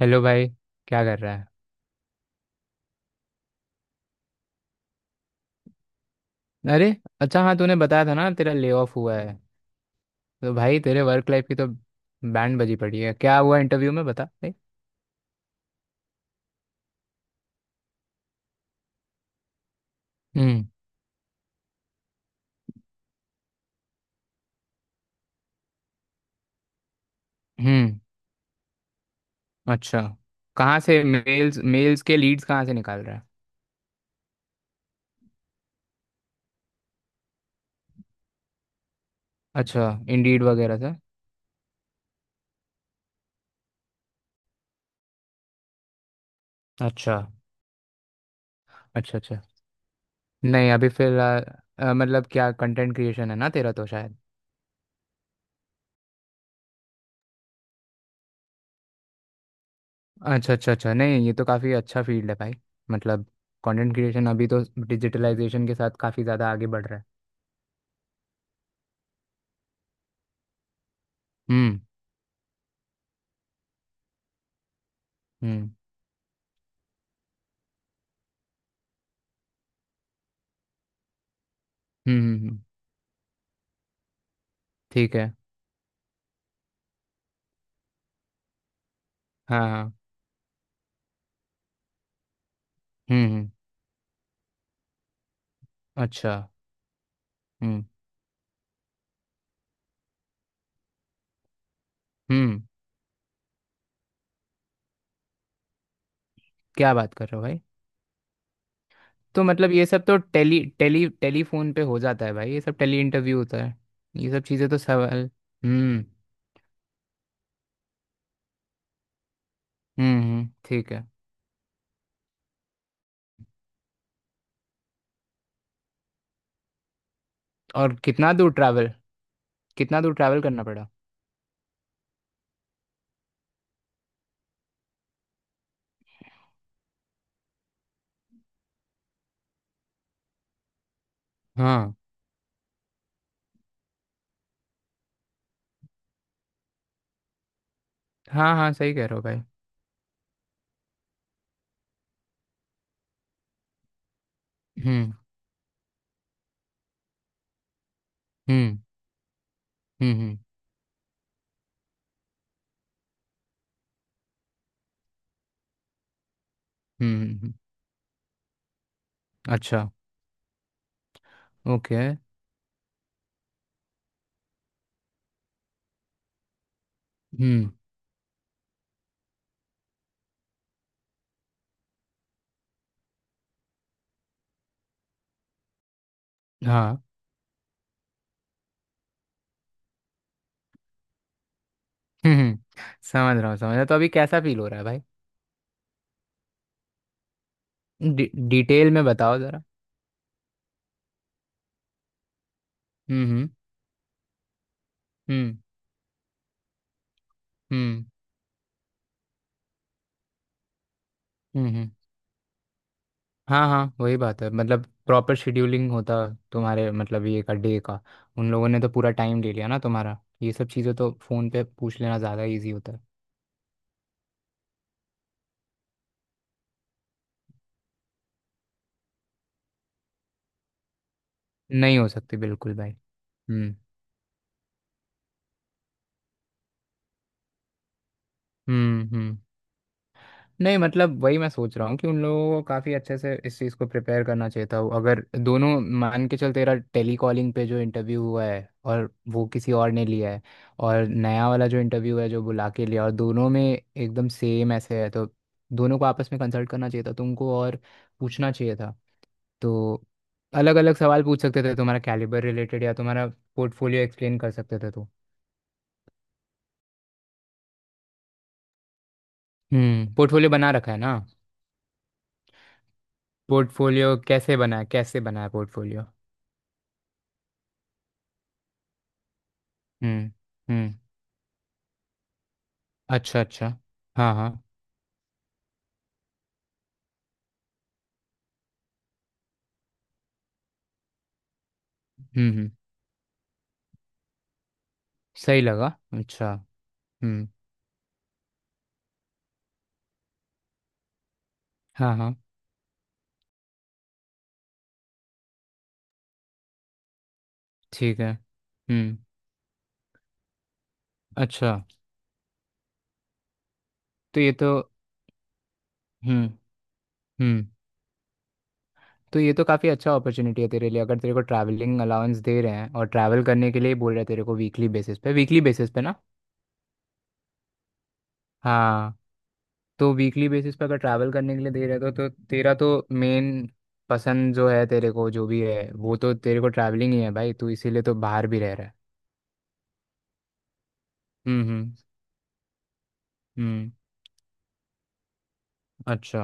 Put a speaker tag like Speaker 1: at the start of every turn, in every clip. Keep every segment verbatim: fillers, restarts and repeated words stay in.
Speaker 1: Hello भाई। क्या कर रहा है? अरे अच्छा, हाँ तूने बताया था ना तेरा ले ऑफ हुआ है। तो भाई तेरे वर्क लाइफ की तो बैंड बजी पड़ी है। क्या हुआ इंटरव्यू में, बता भाई। हम्म। हम्म। अच्छा, कहाँ से मेल्स मेल्स के लीड्स कहाँ से निकाल रहा है? अच्छा, इंडीड वगैरह से। अच्छा अच्छा अच्छा। नहीं अभी फिलहाल अ, मतलब क्या, कंटेंट क्रिएशन है ना तेरा तो शायद। अच्छा अच्छा अच्छा। नहीं ये तो काफ़ी अच्छा फील्ड है भाई। मतलब कंटेंट क्रिएशन अभी तो डिजिटलाइजेशन के साथ काफ़ी ज़्यादा आगे बढ़ रहा है। हम्म हम्म। हम्म हम्म, हम्म, ठीक है। हाँ हाँ। हम्म हम्म, अच्छा। हम्म हम्म। क्या बात कर रहे हो भाई! तो मतलब ये सब तो टेली टेली टेलीफोन पे हो जाता है भाई। ये सब टेली इंटरव्यू होता है। ये सब चीज़ें तो सवाल। हम्म हम्म हम्म, ठीक है। और कितना दूर ट्रैवल कितना दूर ट्रैवल करना पड़ा? हाँ हाँ हाँ, सही कह रहे हो भाई। हम्म हम्म। हम्म हम्म। हम्म हम्म, अच्छा। ओके। हम्म। हाँ। हम्म हम्म, समझ रहा हूँ समझ रहा हूँ। तो अभी कैसा फील हो रहा है भाई? डि- डिटेल में बताओ ज़रा। हम्म हम्म। हम्म हम्म। हम्म हम्म। हाँ हाँ, वही बात है। मतलब प्रॉपर शेड्यूलिंग होता तुम्हारे, मतलब ये का डे का। उन लोगों ने तो पूरा टाइम ले लिया ना तुम्हारा। ये सब चीज़ें तो फ़ोन पे पूछ लेना ज़्यादा इजी होता है। नहीं हो सकती बिल्कुल भाई। हम्म। हम्म हम्म। नहीं मतलब वही मैं सोच रहा हूँ कि उन लोगों को काफ़ी अच्छे से इस चीज़ को प्रिपेयर करना चाहिए था। अगर दोनों मान के चल, तेरा टेली कॉलिंग पे जो इंटरव्यू हुआ है और वो किसी और ने लिया है, और नया वाला जो इंटरव्यू है जो बुला के लिया, और दोनों में एकदम सेम ऐसे है, तो दोनों को आपस में कंसल्ट करना चाहिए था तुमको, और पूछना चाहिए था तो अलग अलग सवाल पूछ सकते थे। तुम्हारा कैलिबर रिलेटेड, या तुम्हारा पोर्टफोलियो एक्सप्लेन कर सकते थे तो। हम्म, पोर्टफोलियो बना रखा है ना? पोर्टफोलियो कैसे बना है? कैसे बना है पोर्टफोलियो? हम्म हम्म। अच्छा अच्छा। हाँ हाँ। हम्म हम्म, सही लगा? अच्छा। हम्म। हाँ हाँ। ठीक है। हम्म। अच्छा। तो ये तो। हम्म हम्म। तो ये तो काफ़ी अच्छा अपॉर्चुनिटी है तेरे लिए। अगर तेरे को ट्रैवलिंग अलाउंस दे रहे हैं और ट्रैवल करने के लिए बोल रहे हैं तेरे को, वीकली बेसिस पे, वीकली बेसिस पे ना। हाँ। तो वीकली बेसिस पे अगर ट्रैवल करने के लिए दे रहे हैं तो, तो तेरा तो मेन पसंद जो है, तेरे को जो भी है, वो तो तेरे को ट्रैवलिंग ही है भाई। तू इसीलिए तो बाहर भी रह रहा है। हम्म हम्म। हम्म, अच्छा।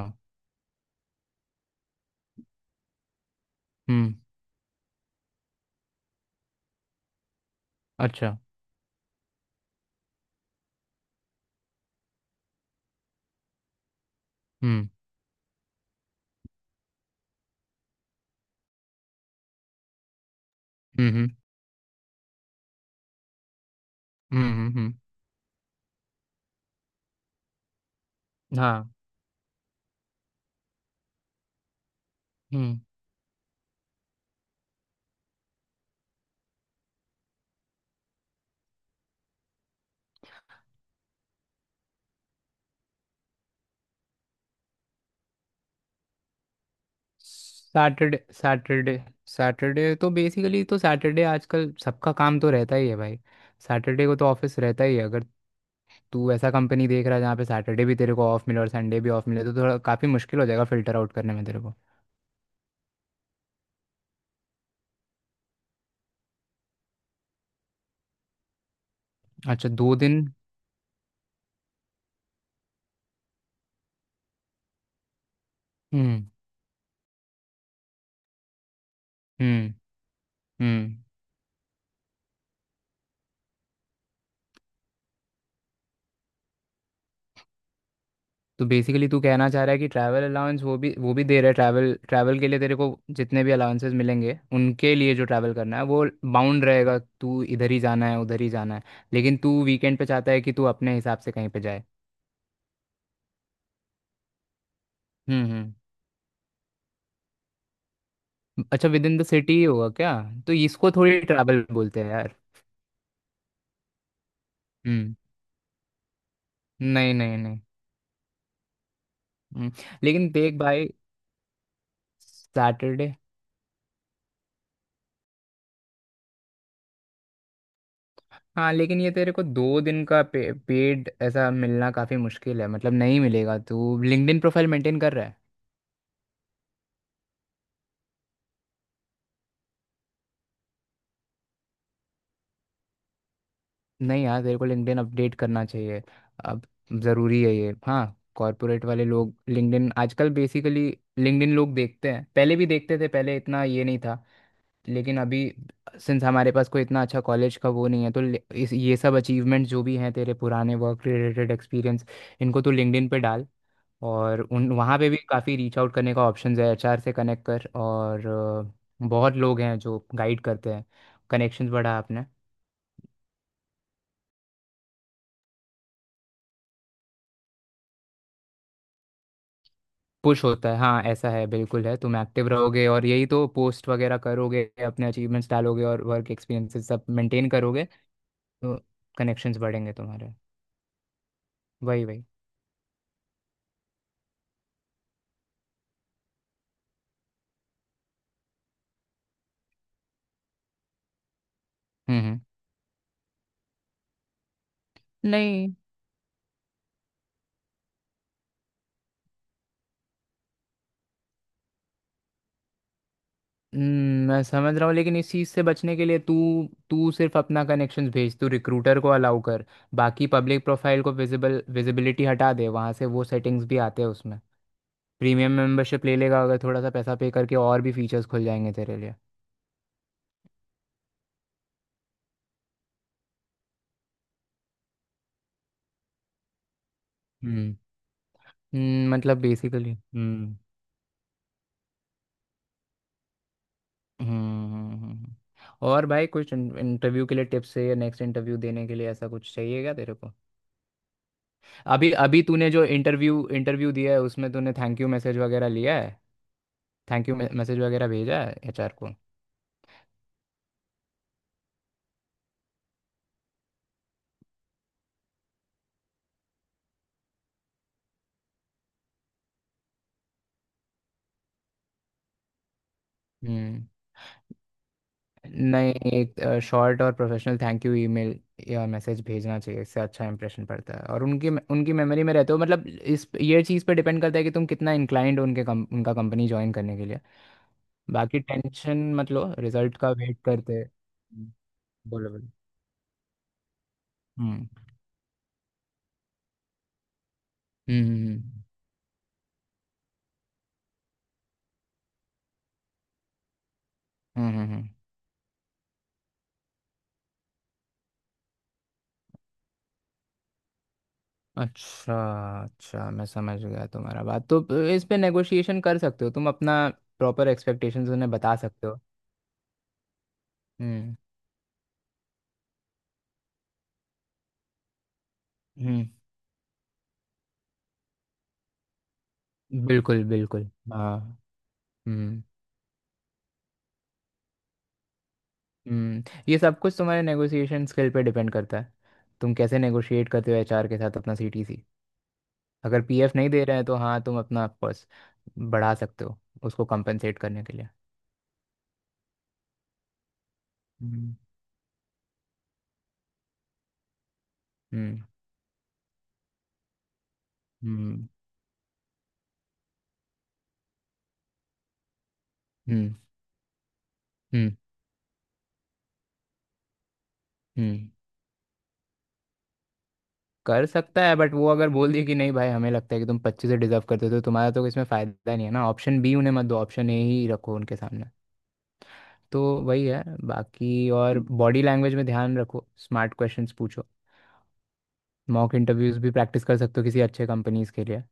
Speaker 1: हम्म, अच्छा। हम्म हम्म। हम्म हम्म। हम्म, हम्म। हाँ। हम्म। Saturday Saturday. सैटरडे तो बेसिकली, तो सैटरडे आजकल सबका काम तो रहता ही है भाई। सैटरडे को तो ऑफिस रहता ही है। अगर तू ऐसा कंपनी देख रहा है जहाँ पे सैटरडे भी तेरे को ऑफ मिले और संडे भी ऑफ मिले, तो थोड़ा काफ़ी मुश्किल हो जाएगा फिल्टर आउट करने में तेरे को। अच्छा, दो दिन। हम्म हम्म। हम्म। तो बेसिकली तू कहना चाह रहा है कि ट्रैवल अलाउंस वो भी, वो भी दे रहा है, ट्रैवल, ट्रैवल के लिए तेरे को। जितने भी अलाउंसेस मिलेंगे उनके लिए जो ट्रैवल करना है वो बाउंड रहेगा, तू इधर ही जाना है उधर ही जाना है। लेकिन तू वीकेंड पे चाहता है कि तू अपने हिसाब से कहीं पे जाए। हम्म हम्म। अच्छा, विद इन द सिटी ही होगा क्या? तो इसको थोड़ी ट्रैवल बोलते हैं यार। हम्म। नहीं नहीं नहीं। हम्म, लेकिन देख भाई, सैटरडे, हाँ लेकिन ये तेरे को दो दिन का पे, पेड ऐसा मिलना काफ़ी मुश्किल है। मतलब नहीं मिलेगा। तू लिंक्डइन प्रोफाइल मेंटेन कर रहा है? नहीं यार, तेरे को लिंक्डइन अपडेट करना चाहिए अब। ज़रूरी है ये, हाँ। कॉर्पोरेट वाले लोग लिंक्डइन आजकल बेसिकली, लिंक्डइन लोग देखते हैं। पहले भी देखते थे, पहले इतना ये नहीं था, लेकिन अभी, सिंस हमारे पास कोई इतना अच्छा कॉलेज का वो नहीं है, तो ले- इस ये सब अचीवमेंट जो भी हैं तेरे पुराने वर्क रिलेटेड एक्सपीरियंस, इनको तो लिंक्डइन पे डाल। और उन वहाँ पे भी काफ़ी रीच आउट करने का ऑप्शन है। एचआर से कनेक्ट कर, और अ, बहुत लोग हैं जो गाइड करते हैं। कनेक्शंस बढ़ा अपने। पुश होता है, हाँ। ऐसा है, बिल्कुल है। तुम एक्टिव रहोगे और यही तो पोस्ट वगैरह करोगे, अपने अचीवमेंट्स डालोगे और वर्क एक्सपीरियंसेस सब मेंटेन करोगे, तो कनेक्शंस बढ़ेंगे तुम्हारे। वही वही। हम्म हम्म। नहीं। हम्म, मैं समझ रहा हूँ, लेकिन इस चीज़ से बचने के लिए तू तू सिर्फ अपना कनेक्शंस भेज, तू रिक्रूटर को अलाउ कर। बाकी पब्लिक प्रोफाइल को विजिबल, विजिबिलिटी हटा दे वहाँ से। वो सेटिंग्स भी आते हैं उसमें। प्रीमियम मेंबरशिप ले लेगा अगर, थोड़ा सा पैसा पे करके और भी फीचर्स खुल जाएंगे तेरे लिए। हम्म हम्म, मतलब बेसिकली। हम्म हम्म हम्म, हम्म। हम्म, हम्म। और भाई कुछ इंटरव्यू के लिए टिप्स है, या नेक्स्ट इंटरव्यू देने के लिए ऐसा कुछ चाहिए क्या तेरे को? अभी अभी तूने जो इंटरव्यू, इंटरव्यू दिया है उसमें तूने थैंक यू मैसेज वगैरह लिया है? थैंक यू मैसेज वगैरह भेजा है एचआर को? हम्म। नहीं, एक शॉर्ट और प्रोफेशनल थैंक यू ईमेल या मैसेज भेजना चाहिए। इससे अच्छा इंप्रेशन पड़ता है और उनकी उनकी मेमोरी में रहते हो। मतलब इस, ये चीज़ पे डिपेंड करता है कि तुम कितना इंक्लाइंड हो उनके कम, उनका कंपनी ज्वाइन करने के लिए। बाकी टेंशन, मतलब रिजल्ट का वेट करते हैं। बोलो बोलो। हम्म हम्म। हम्म हम्म, हम्म, हम्म। अच्छा, अच्छा मैं समझ गया तुम्हारा बात तो। प- इस पे नेगोशिएशन कर सकते हो तुम, अपना प्रॉपर एक्सपेक्टेशंस उन्हें बता सकते हो। हम्म हम्म। बिल्कुल बिल्कुल। हाँ। हम्म हम्म। ये सब कुछ तुम्हारे नेगोशिएशन स्किल पे डिपेंड करता है, तुम कैसे नेगोशिएट करते हो एचआर के साथ अपना सीटीसी। अगर पीएफ नहीं दे रहे हैं तो हाँ, तुम अपना पर्स बढ़ा सकते हो, उसको कंपनसेट करने के लिए। हम्म हम्म। हम्म हम्म। हम्म हम्म। कर सकता है, बट वो अगर बोल दिए कि नहीं भाई, हमें लगता है कि तुम पच्चीस से डिजर्व करते हो, तो तुम्हारा तो इसमें फ़ायदा नहीं है ना। ऑप्शन बी उन्हें मत दो, ऑप्शन ए ही रखो उनके सामने। तो वही है बाकी। और बॉडी लैंग्वेज में ध्यान रखो, स्मार्ट क्वेश्चंस पूछो। मॉक इंटरव्यूज भी प्रैक्टिस कर सकते हो किसी अच्छे कंपनीज के लिए।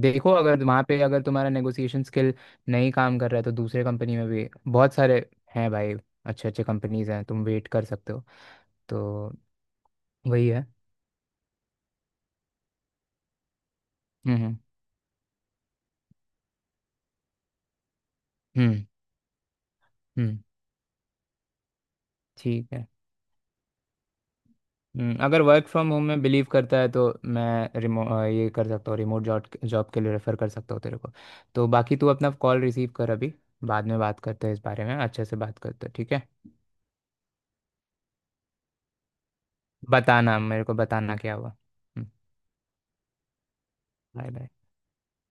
Speaker 1: देखो, अगर वहाँ पे अगर तुम्हारा नेगोशिएशन स्किल नहीं काम कर रहा है, तो दूसरे कंपनी में भी बहुत सारे हैं भाई, अच्छे अच्छे कंपनीज हैं, तुम वेट कर सकते हो। तो वही है। हम्म हम्म। हम्म हम्म, ठीक है। हम्म, अगर वर्क फ्रॉम होम में बिलीव करता है, तो मैं रिमो अ, ये कर सकता हूँ, रिमोट जॉब जॉब के लिए रेफर कर सकता हूँ तेरे को। तो बाकी तू अपना कॉल रिसीव कर अभी, बाद में बात करते हैं इस बारे में। अच्छे से बात करते हैं, ठीक है। बताना मेरे को, बताना क्या हुआ। Bye bye.